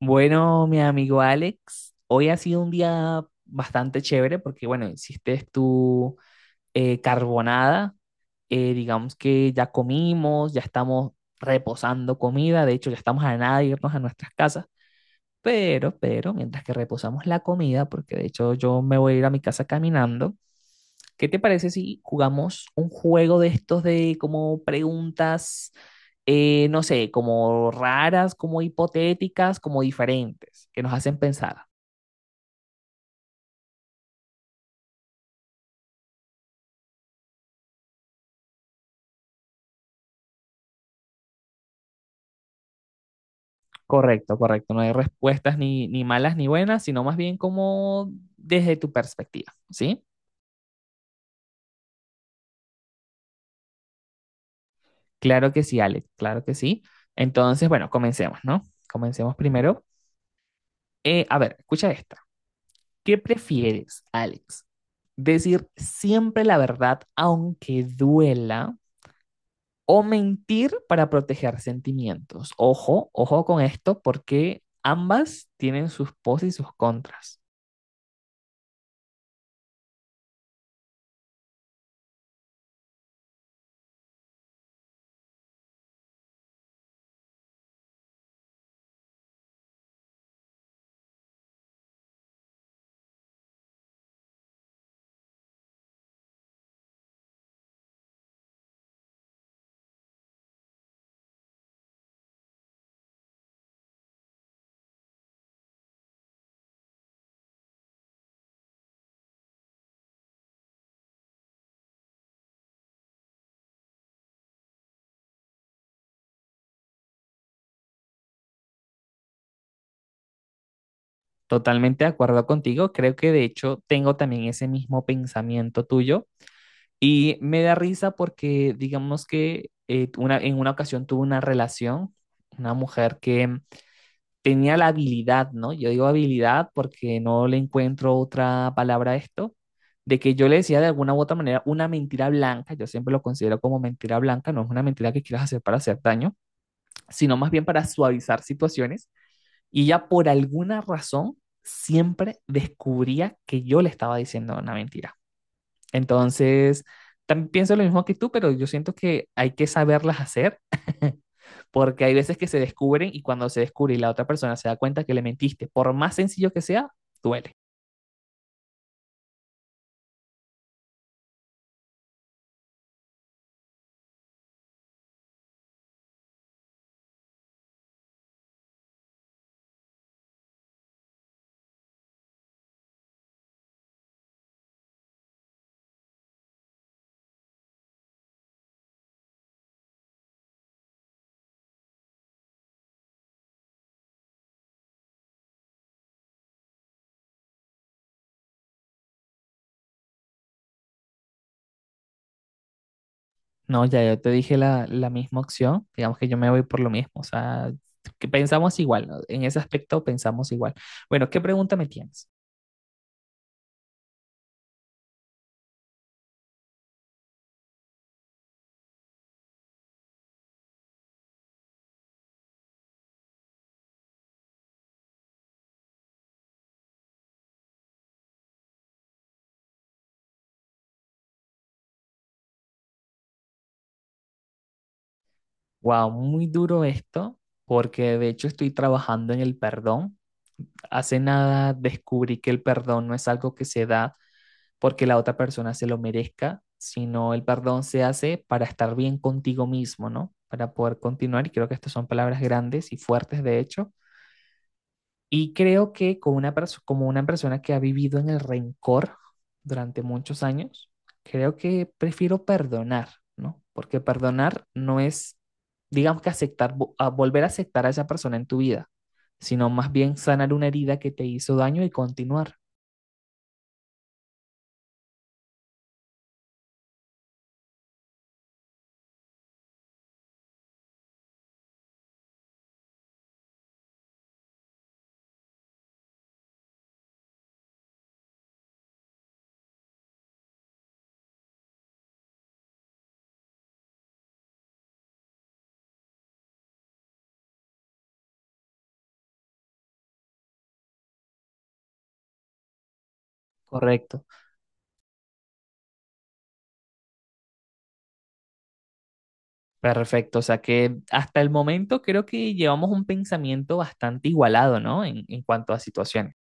Bueno, mi amigo Alex, hoy ha sido un día bastante chévere porque, bueno, hiciste tu carbonada. Eh, digamos que ya comimos, ya estamos reposando comida, de hecho ya estamos a nada de irnos a nuestras casas, pero, mientras que reposamos la comida, porque de hecho yo me voy a ir a mi casa caminando, ¿qué te parece si jugamos un juego de estos de como preguntas, no sé, como raras, como hipotéticas, como diferentes, que nos hacen pensar? Correcto, correcto. No hay respuestas ni malas ni buenas, sino más bien como desde tu perspectiva, ¿sí? Claro que sí, Alex, claro que sí. Entonces, bueno, comencemos, ¿no? Comencemos primero. A ver, escucha esta. ¿Qué prefieres, Alex? ¿Decir siempre la verdad aunque duela o mentir para proteger sentimientos? Ojo, ojo con esto porque ambas tienen sus pros y sus contras. Totalmente de acuerdo contigo, creo que de hecho tengo también ese mismo pensamiento tuyo y me da risa porque digamos que en una ocasión tuve una relación, una mujer que tenía la habilidad, ¿no? Yo digo habilidad porque no le encuentro otra palabra a esto, de que yo le decía de alguna u otra manera una mentira blanca, yo siempre lo considero como mentira blanca, no es una mentira que quieras hacer para hacer daño, sino más bien para suavizar situaciones, y ella por alguna razón siempre descubría que yo le estaba diciendo una mentira. Entonces, también pienso lo mismo que tú, pero yo siento que hay que saberlas hacer porque hay veces que se descubren y cuando se descubre y la otra persona se da cuenta que le mentiste, por más sencillo que sea, duele. No, ya yo te dije la misma opción, digamos que yo me voy por lo mismo, o sea, que pensamos igual, ¿no? En ese aspecto pensamos igual. Bueno, ¿qué pregunta me tienes? Wow, muy duro esto, porque de hecho estoy trabajando en el perdón. Hace nada descubrí que el perdón no es algo que se da porque la otra persona se lo merezca, sino el perdón se hace para estar bien contigo mismo, ¿no? Para poder continuar, y creo que estas son palabras grandes y fuertes, de hecho. Y creo que como como una persona que ha vivido en el rencor durante muchos años, creo que prefiero perdonar, ¿no? Porque perdonar no es, digamos que aceptar, a volver a aceptar a esa persona en tu vida, sino más bien sanar una herida que te hizo daño y continuar. Correcto. Perfecto, o sea que hasta el momento creo que llevamos un pensamiento bastante igualado, ¿no? En cuanto a situaciones.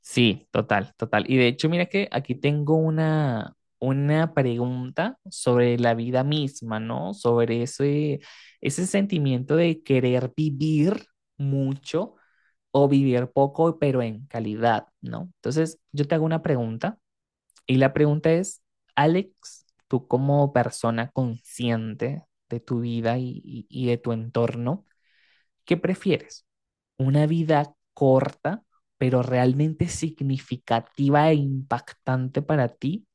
Sí, total, total. Y de hecho, mira que aquí tengo una pregunta sobre la vida misma, ¿no? Sobre ese, ese sentimiento de querer vivir mucho o vivir poco, pero en calidad, ¿no? Entonces, yo te hago una pregunta. Y la pregunta es, Alex, tú como persona consciente de tu vida y de tu entorno, ¿qué prefieres? ¿Una vida corta, pero realmente significativa e impactante para ti?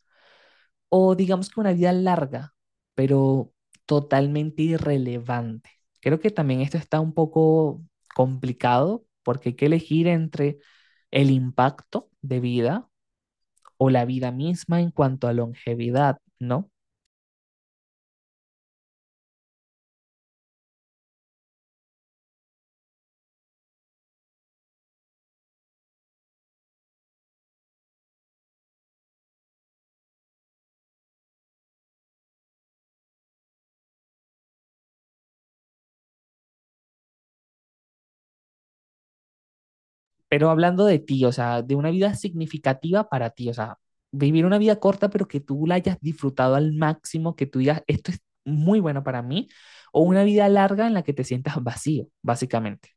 ¿O digamos que una vida larga, pero totalmente irrelevante? Creo que también esto está un poco complicado porque hay que elegir entre el impacto de vida o la vida misma en cuanto a longevidad, ¿no? Pero hablando de ti, o sea, de una vida significativa para ti, o sea, vivir una vida corta, pero que tú la hayas disfrutado al máximo, que tú digas, esto es muy bueno para mí, o una vida larga en la que te sientas vacío, básicamente.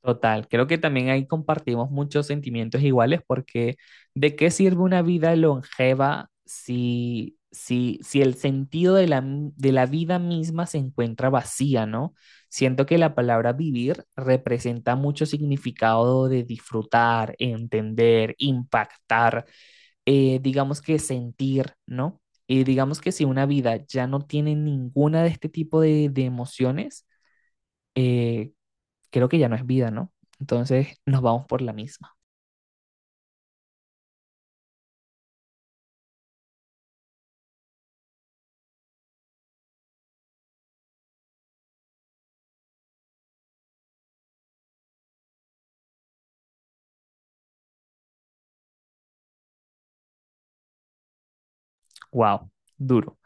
Total, creo que también ahí compartimos muchos sentimientos iguales porque ¿de qué sirve una vida longeva si, si, si el sentido de de la vida misma se encuentra vacía, ¿no? Siento que la palabra vivir representa mucho significado de disfrutar, entender, impactar, digamos que sentir, ¿no? Y digamos que si una vida ya no tiene ninguna de este tipo de emociones, eh, creo que ya no es vida, ¿no? Entonces nos vamos por la misma. Wow, duro.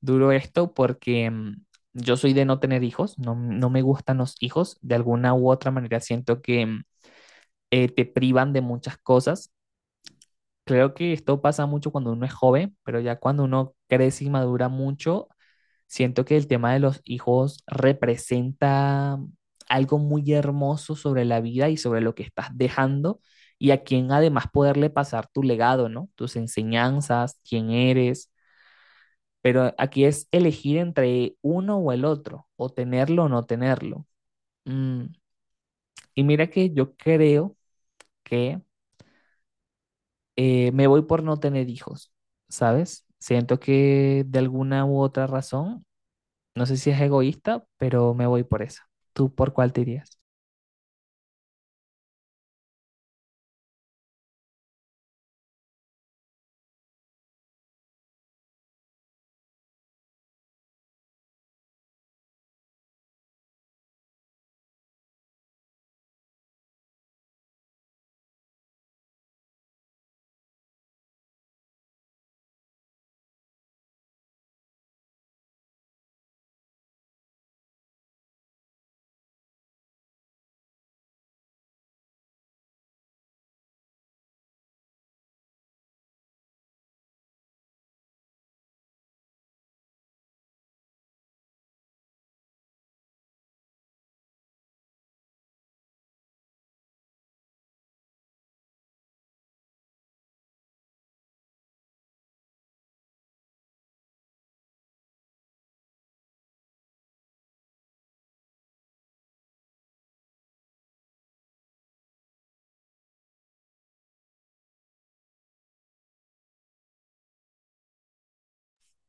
Duro esto porque yo soy de no tener hijos, no, no me gustan los hijos, de alguna u otra manera siento que te privan de muchas cosas. Creo que esto pasa mucho cuando uno es joven, pero ya cuando uno crece y madura mucho, siento que el tema de los hijos representa algo muy hermoso sobre la vida y sobre lo que estás dejando y a quien además poderle pasar tu legado, ¿no? Tus enseñanzas, quién eres, pero aquí es elegir entre uno o el otro, o tenerlo o no tenerlo. Mm, Y mira que yo creo que me voy por no tener hijos, ¿sabes? Siento que de alguna u otra razón, no sé si es egoísta, pero me voy por eso. ¿Tú por cuál te irías?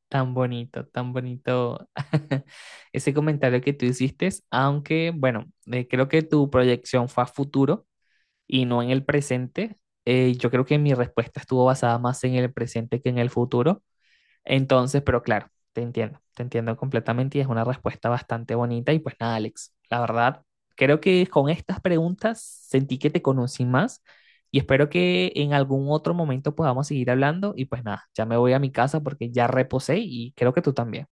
Tan bonito ese comentario que tú hiciste, aunque bueno, creo que tu proyección fue a futuro y no en el presente. Yo creo que mi respuesta estuvo basada más en el presente que en el futuro. Entonces, pero claro, te entiendo completamente y es una respuesta bastante bonita. Y pues nada, Alex, la verdad, creo que con estas preguntas sentí que te conocí más y espero que en algún otro momento podamos seguir hablando. Y pues nada, ya me voy a mi casa porque ya reposé y creo que tú también.